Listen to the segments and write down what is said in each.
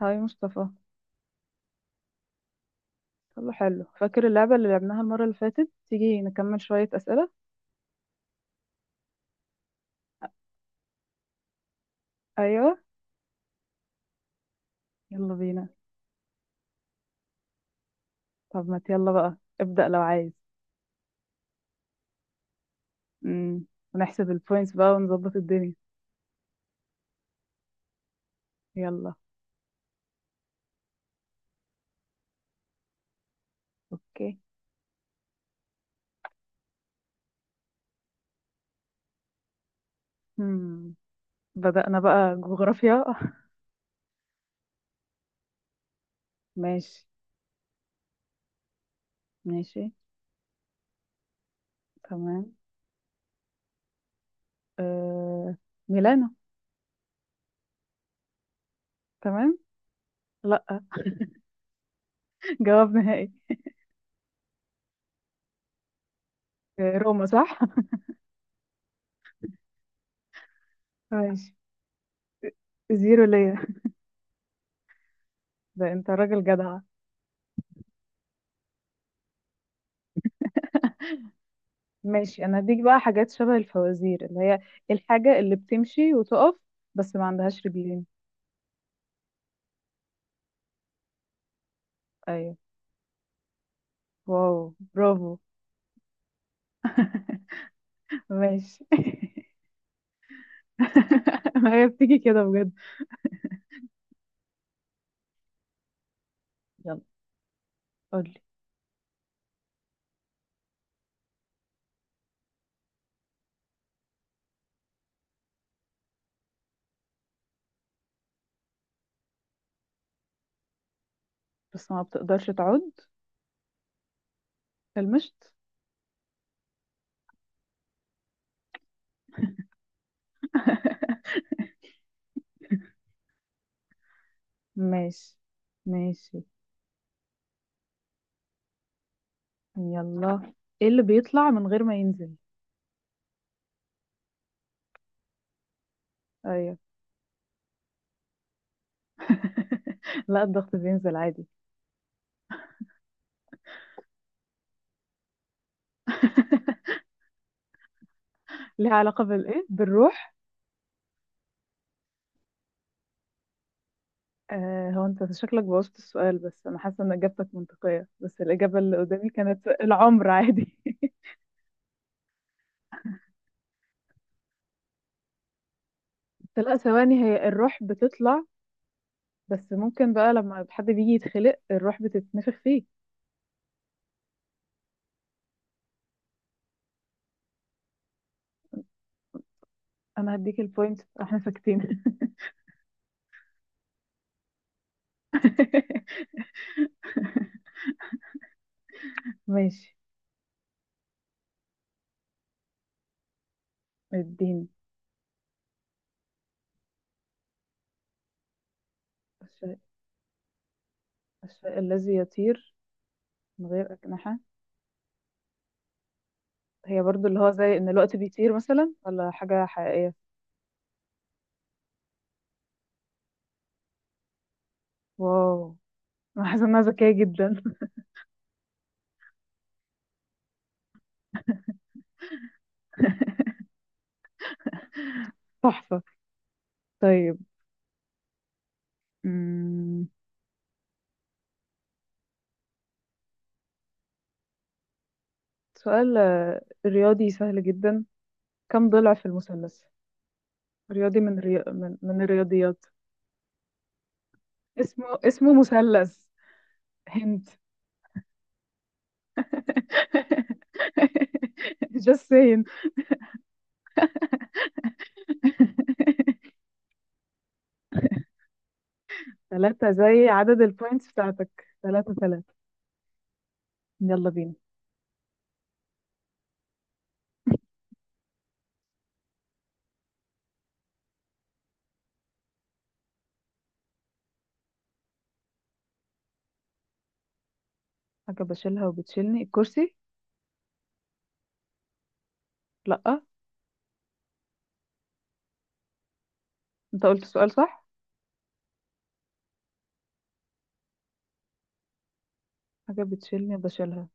هاي مصطفى. يلا، حلو، فاكر اللعبة اللي لعبناها المرة اللي فاتت؟ تيجي نكمل شوية أسئلة؟ أيوة. يلا بينا. طب ما يلا بقى، ابدأ لو عايز. امم ونحسب البوينتس بقى ونظبط الدنيا. يلا. أوكي. امم بدأنا بقى جغرافيا. ماشي. ماشي. تمام. آه... ميلانو. تمام. لأ. جواب نهائي. روما صح. ماشي. زيرو ليا. ده انت راجل جدع. ماشي، انا هديك بقى حاجات شبه الفوازير، اللي هي: الحاجة اللي بتمشي وتقف بس ما عندهاش رجلين. ايوه. واو، برافو. ماشي. ما هي بتيجي كده بجد. يلا، قولي. بس ما بتقدرش تعود. المشط. ماشي. ماشي. يلا. ايه اللي بيطلع من غير ما ينزل؟ ايوه. لا، الضغط بينزل عادي. ليها علاقة بالايه، بالروح. آه، هو انت شكلك بوظت السؤال، بس انا حاسه ان اجابتك منطقيه، بس الاجابه اللي قدامي كانت العمر عادي. لا، ثواني، هي الروح بتطلع. بس ممكن بقى لما حد بيجي يتخلق الروح بتتنفخ فيه. انا هديك البوينت، احنا ساكتين. ماشي. اديني. الشيء الشيء الذي يطير من غير أجنحة. هي برضو اللي هو زي ان الوقت بيطير مثلا، ولا حاجة حقيقية؟ واو. انا حاسة انها ذكية جدا. تحفة. طيب. سؤال رياضي سهل جدا. كم ضلع في المثلث؟ رياضي، من ري... من من الرياضيات. اسمه مثلث. هنت. just saying. ثلاثة، زي عدد البوينتس بتاعتك، ثلاثة ثلاثة. يلا بينا. حاجة بشيلها وبتشيلني، الكرسي؟ لأ. انت قلت السؤال صح. حاجة بتشيلني وبشيلها.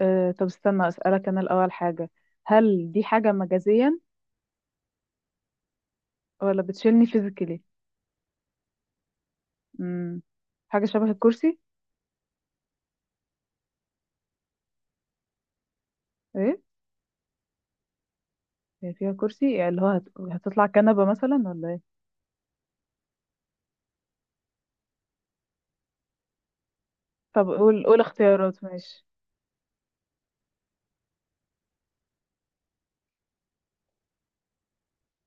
أه، طب استنى أسألك أنا الأول حاجة. هل دي حاجة مجازيا، ولا بتشيلني فيزيكالي؟ امم حاجة شبه الكرسي. ايه. هي فيها كرسي يعني اللي هو هتطلع كنبة مثلا ولا ايه؟ طب قول قول اختيارات، ماشي.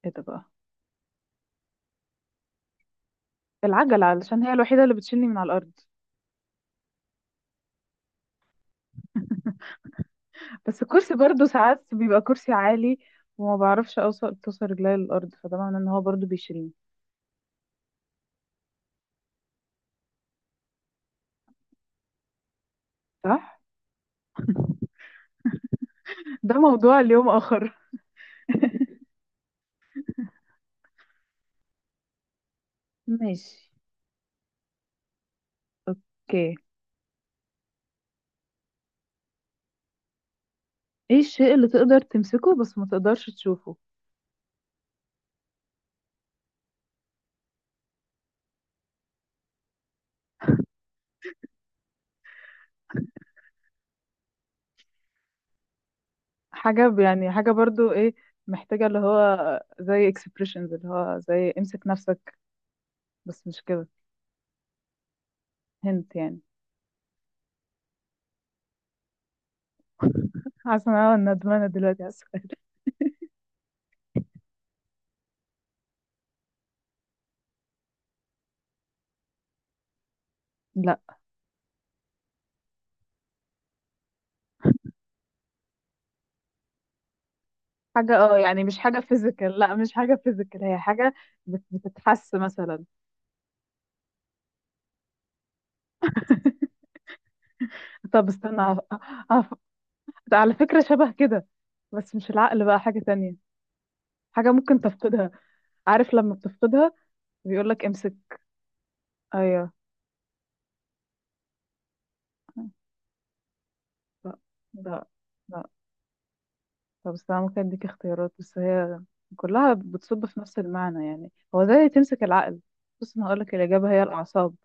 ايه ده بقى! العجلة، علشان هي الوحيدة اللي بتشيلني من على الأرض. بس الكرسي برضو ساعات بيبقى كرسي عالي، وما بعرفش اوصل توصل رجلي للأرض، فده معناه ان هو برضو بيشيلني. صح. ده موضوع اليوم آخر. ماشي. اوكي. ايه الشيء اللي تقدر تمسكه بس ما تقدرش تشوفه؟ حاجة يعني حاجة برضو ايه، محتاجة اللي هو زي expressions، اللي هو زي امسك نفسك، بس مش كده. هنت يعني. حاسه ان انا ندمانه دلوقتي على السؤال. لا، حاجه يعني مش حاجه فيزيكال، لا مش حاجه فيزيكال، هي حاجه بتتحس مثلا. طب استنى، هف- على فكره شبه كده، بس مش العقل بقى، حاجه تانية. حاجه ممكن تفقدها، عارف لما بتفقدها، بيقول لك امسك. ايوه. لا، لا، لا. طب استنى، ممكن اديك اختيارات بس هي كلها بتصب في نفس المعنى، يعني هو زي تمسك العقل. بص، انا هقول لك الاجابه هي الاعصاب،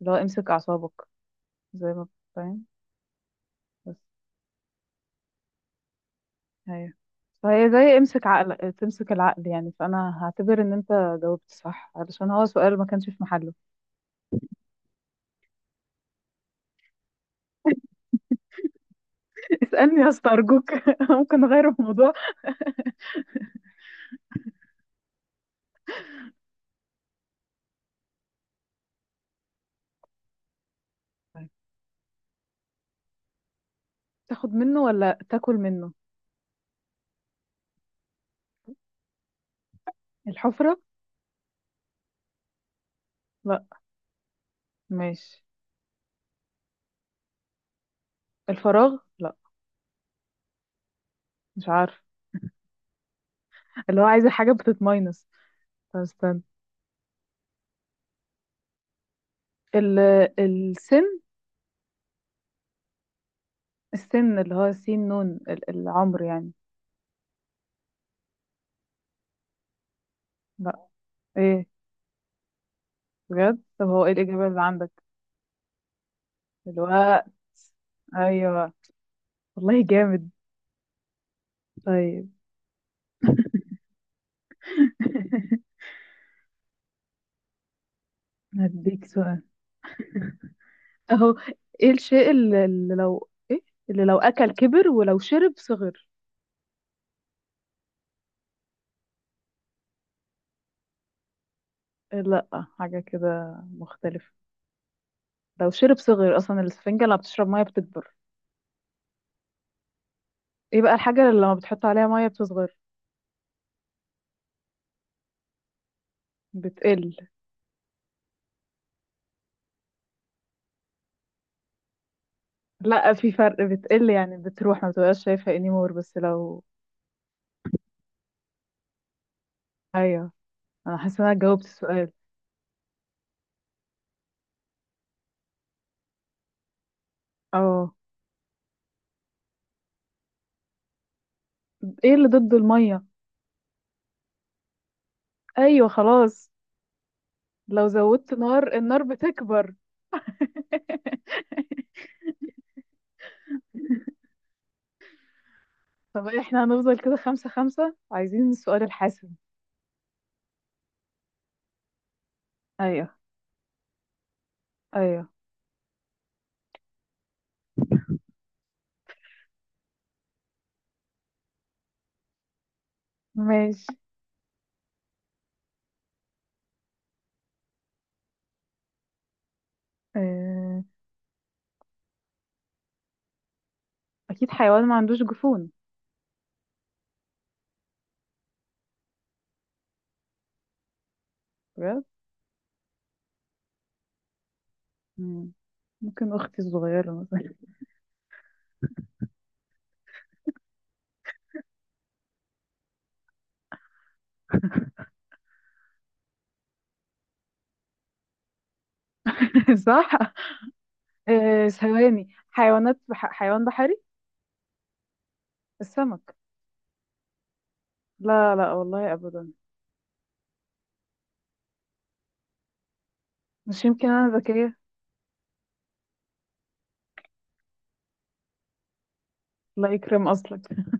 اللي هو امسك اعصابك، زي ما... فاهم. بس. ايوه. فهي زي امسك عقل، تمسك العقل، يعني فانا هعتبر ان انت جاوبت صح علشان هو سؤال ما كانش في محله. اسألني يا اسطى ارجوك. ممكن نغير الموضوع. طيب. تاخد منه ولا تاكل منه؟ الحفرة. لا. ماشي. الفراغ؟ لا. مش عارف. اللي هو عايزة حاجة بتتماينس. طب استنى، ال... السن. السن اللي هو سين نون، العمر يعني. لا. ايه، بجد؟ طب هو ايه الإجابة اللي عندك؟ الوقت. ايوه. والله جامد. طيب. هديك سؤال. اهو. ايه الشيء اللي لو ايه، اللي لو اكل كبر، ولو شرب صغر. إيه، لا، حاجة كده مختلفة. لو شرب صغر، اصلا الاسفنجة لما بتشرب مية بتكبر. ايه بقى الحاجة اللي لما بتحط عليها مية بتصغر؟ بتقل. لا، في فرق، بتقل يعني بتروح ما بتبقاش شايفها انيمور. بس لو... ايوه. انا حاسة ان انا جاوبت السؤال. اه، ايه اللي ضد المية؟ ايوه، خلاص. لو زودت نار، النار بتكبر. طب احنا هنفضل كده 5-5، عايزين السؤال الحاسم. ايوه. ايوه. ماشي. اه... اكيد حيوان ما عندوش جفون. بجد؟ مم. ممكن اختي الصغيرة مثلا. صح. اه... ثواني، حيوانات حيوان بحري. السمك. لا لا، والله ابدا. مش يمكن انا ذكية. لا يكرم اصلك.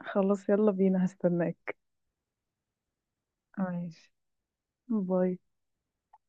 خلاص، يلا بينا، هستناك. ماشي. باي.